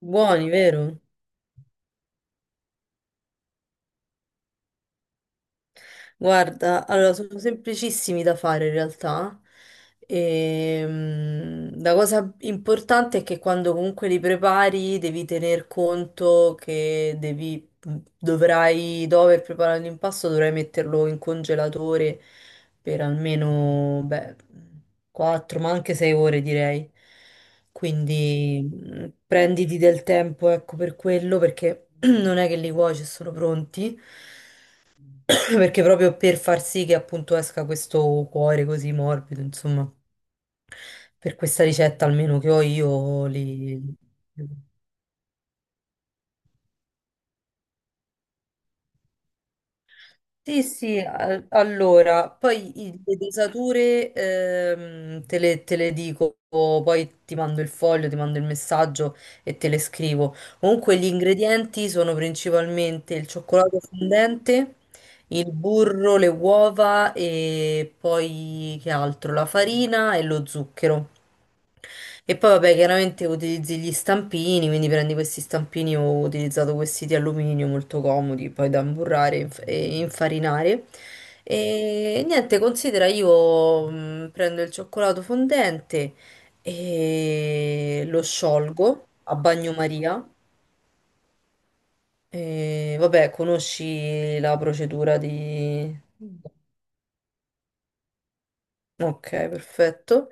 Buoni, vero? Guarda, allora sono semplicissimi da fare in realtà. La cosa importante è che quando comunque li prepari devi tener conto che dovrai, dopo aver preparato l'impasto, dovrai metterlo in congelatore per almeno, beh, 4, ma anche 6 ore direi. Quindi prenditi del tempo, ecco, per quello, perché non è che li cuoci e sono pronti. Perché proprio per far sì che appunto esca questo cuore così morbido, insomma, per questa ricetta almeno che ho io, li... Sì, sì, allora, poi le dosature te le dico, poi ti mando il foglio, ti mando il messaggio e te le scrivo. Comunque gli ingredienti sono principalmente il cioccolato fondente, il burro, le uova e poi che altro? La farina e lo zucchero. E poi vabbè, chiaramente utilizzi gli stampini, quindi prendi questi stampini, ho utilizzato questi di alluminio molto comodi, poi da imburrare e e infarinare. E niente, considera io prendo il cioccolato fondente e lo sciolgo a bagnomaria. E vabbè, conosci la procedura di... Ok, perfetto.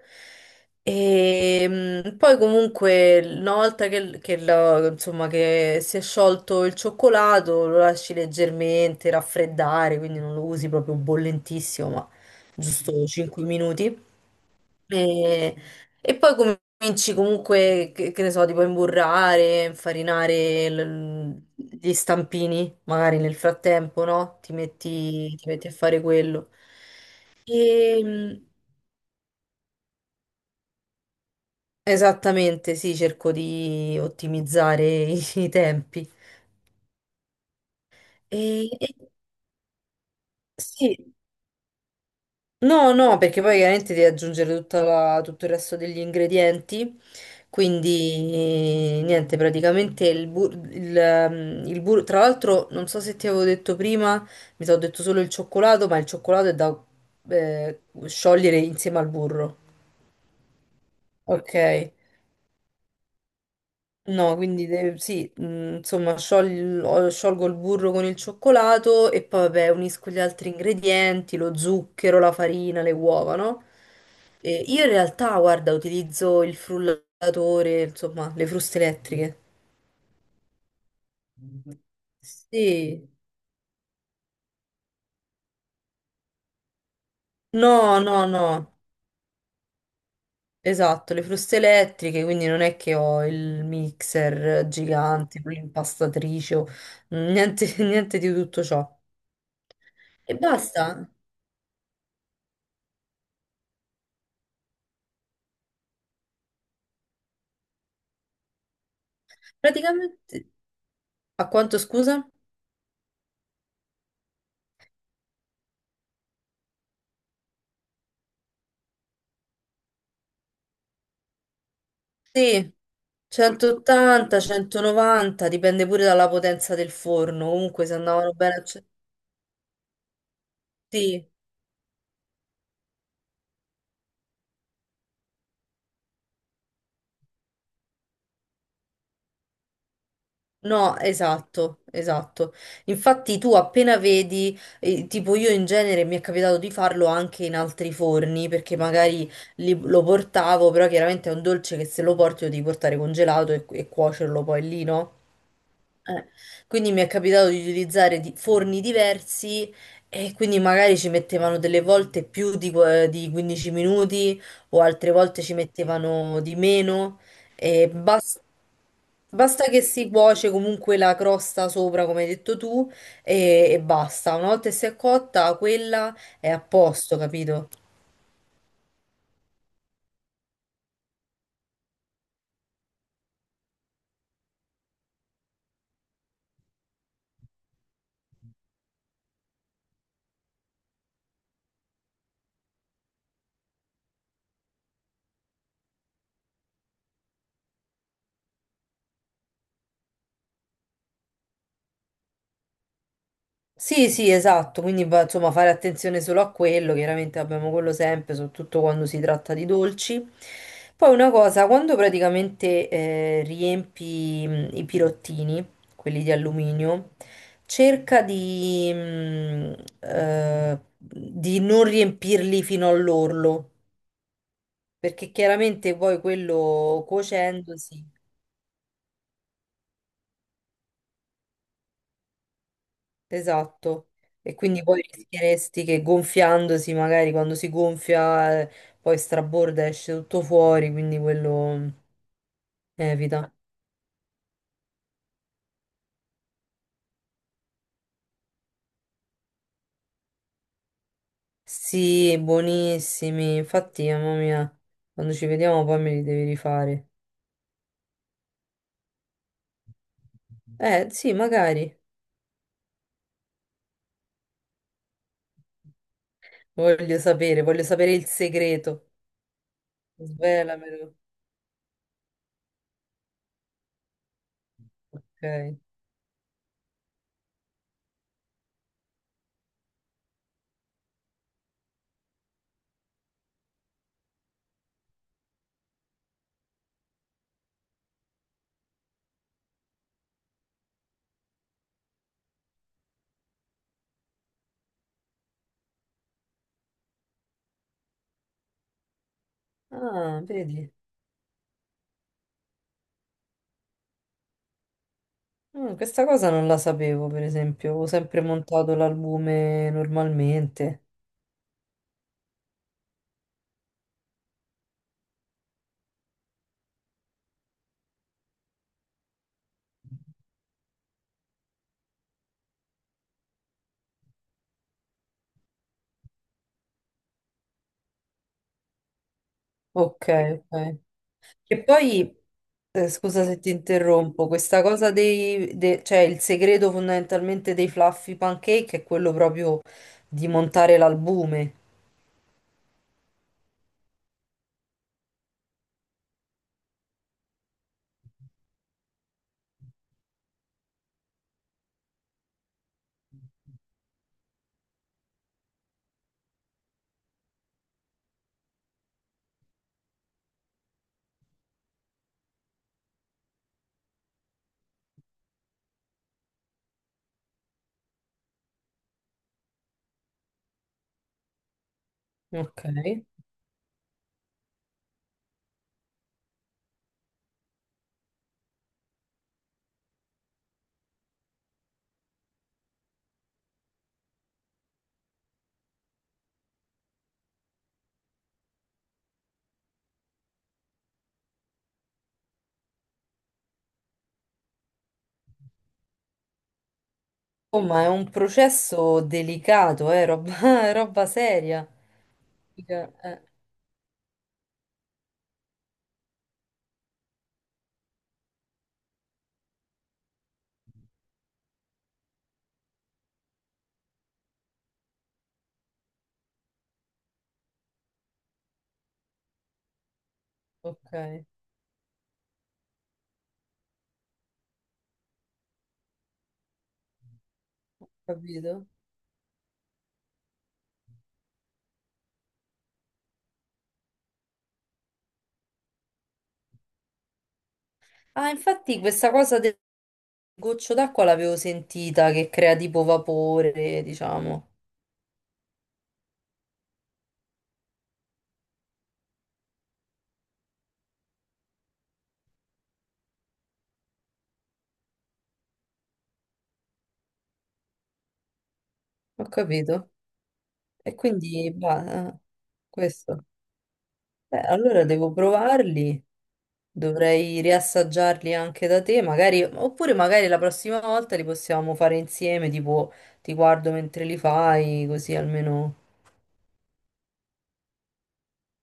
E poi comunque una volta che, insomma, che si è sciolto il cioccolato lo lasci leggermente raffreddare, quindi non lo usi proprio bollentissimo, ma giusto 5 minuti. E, e poi cominci comunque, che ne so, tipo a imburrare, infarinare gli stampini, magari nel frattempo, no? Ti metti a fare quello. E, Esattamente, sì, cerco di ottimizzare i tempi. E, e- sì, no, no, perché poi chiaramente devi aggiungere tutto il resto degli ingredienti, quindi niente, praticamente il burro, tra l'altro non so se ti avevo detto prima, mi sono detto solo il cioccolato, ma il cioccolato è da sciogliere insieme al burro. Ok. No, quindi sì, insomma, sciolgo il burro con il cioccolato e poi vabbè, unisco gli altri ingredienti, lo zucchero, la farina, le uova, no? E io in realtà, guarda, utilizzo il frullatore, insomma, le fruste elettriche. Sì. No, no, no. Esatto, le fruste elettriche, quindi non è che ho il mixer gigante, l'impastatrice, niente, niente di tutto ciò. E basta. Praticamente. A quanto scusa? Sì, 180, 190, dipende pure dalla potenza del forno. Comunque se andavano bene a ce- Sì, no, esatto, esatto. Infatti tu appena vedi, tipo io in genere mi è capitato di farlo anche in altri forni, perché magari lo portavo, però chiaramente è un dolce che se lo porti lo devi portare congelato e cuocerlo poi lì, no? Eh, Quindi mi è capitato di utilizzare forni diversi e quindi magari ci mettevano delle volte più di 15 minuti o altre volte ci mettevano di meno. E basta che si cuoce comunque la crosta sopra, come hai detto tu, e basta. Una volta che si è cotta, quella è a posto, capito? Sì, sì, esatto, quindi insomma fare attenzione solo a quello, chiaramente abbiamo quello sempre, soprattutto quando si tratta di dolci. Poi una cosa, quando praticamente riempi i pirottini, quelli di alluminio, cerca di non riempirli fino all'orlo, perché chiaramente poi quello cuocendosi. Esatto, e quindi poi rischieresti che gonfiandosi, magari quando si gonfia, poi straborda e esce tutto fuori, quindi quello evita. Sì, buonissimi. Infatti, mamma mia, quando ci vediamo poi me li devi rifare. Sì, magari. Voglio sapere il segreto. Svelamelo. Ok. Ah, vedi. Questa cosa non la sapevo, per esempio. Ho sempre montato l'albume normalmente. Ok, ok. E poi, scusa se ti interrompo, questa cosa dei, cioè il segreto fondamentalmente dei fluffy pancake è quello proprio di montare l'albume. Ok. Oh, ma è un processo delicato, roba, è roba seria. Mica- eh, ok, capito? Ah, infatti questa cosa del goccio d'acqua l'avevo sentita che crea tipo vapore, diciamo. Ho capito. E quindi, bah, questo. Beh, allora devo provarli, dovrei riassaggiarli anche da te, magari, oppure magari la prossima volta li possiamo fare insieme, tipo ti guardo mentre li fai, così almeno...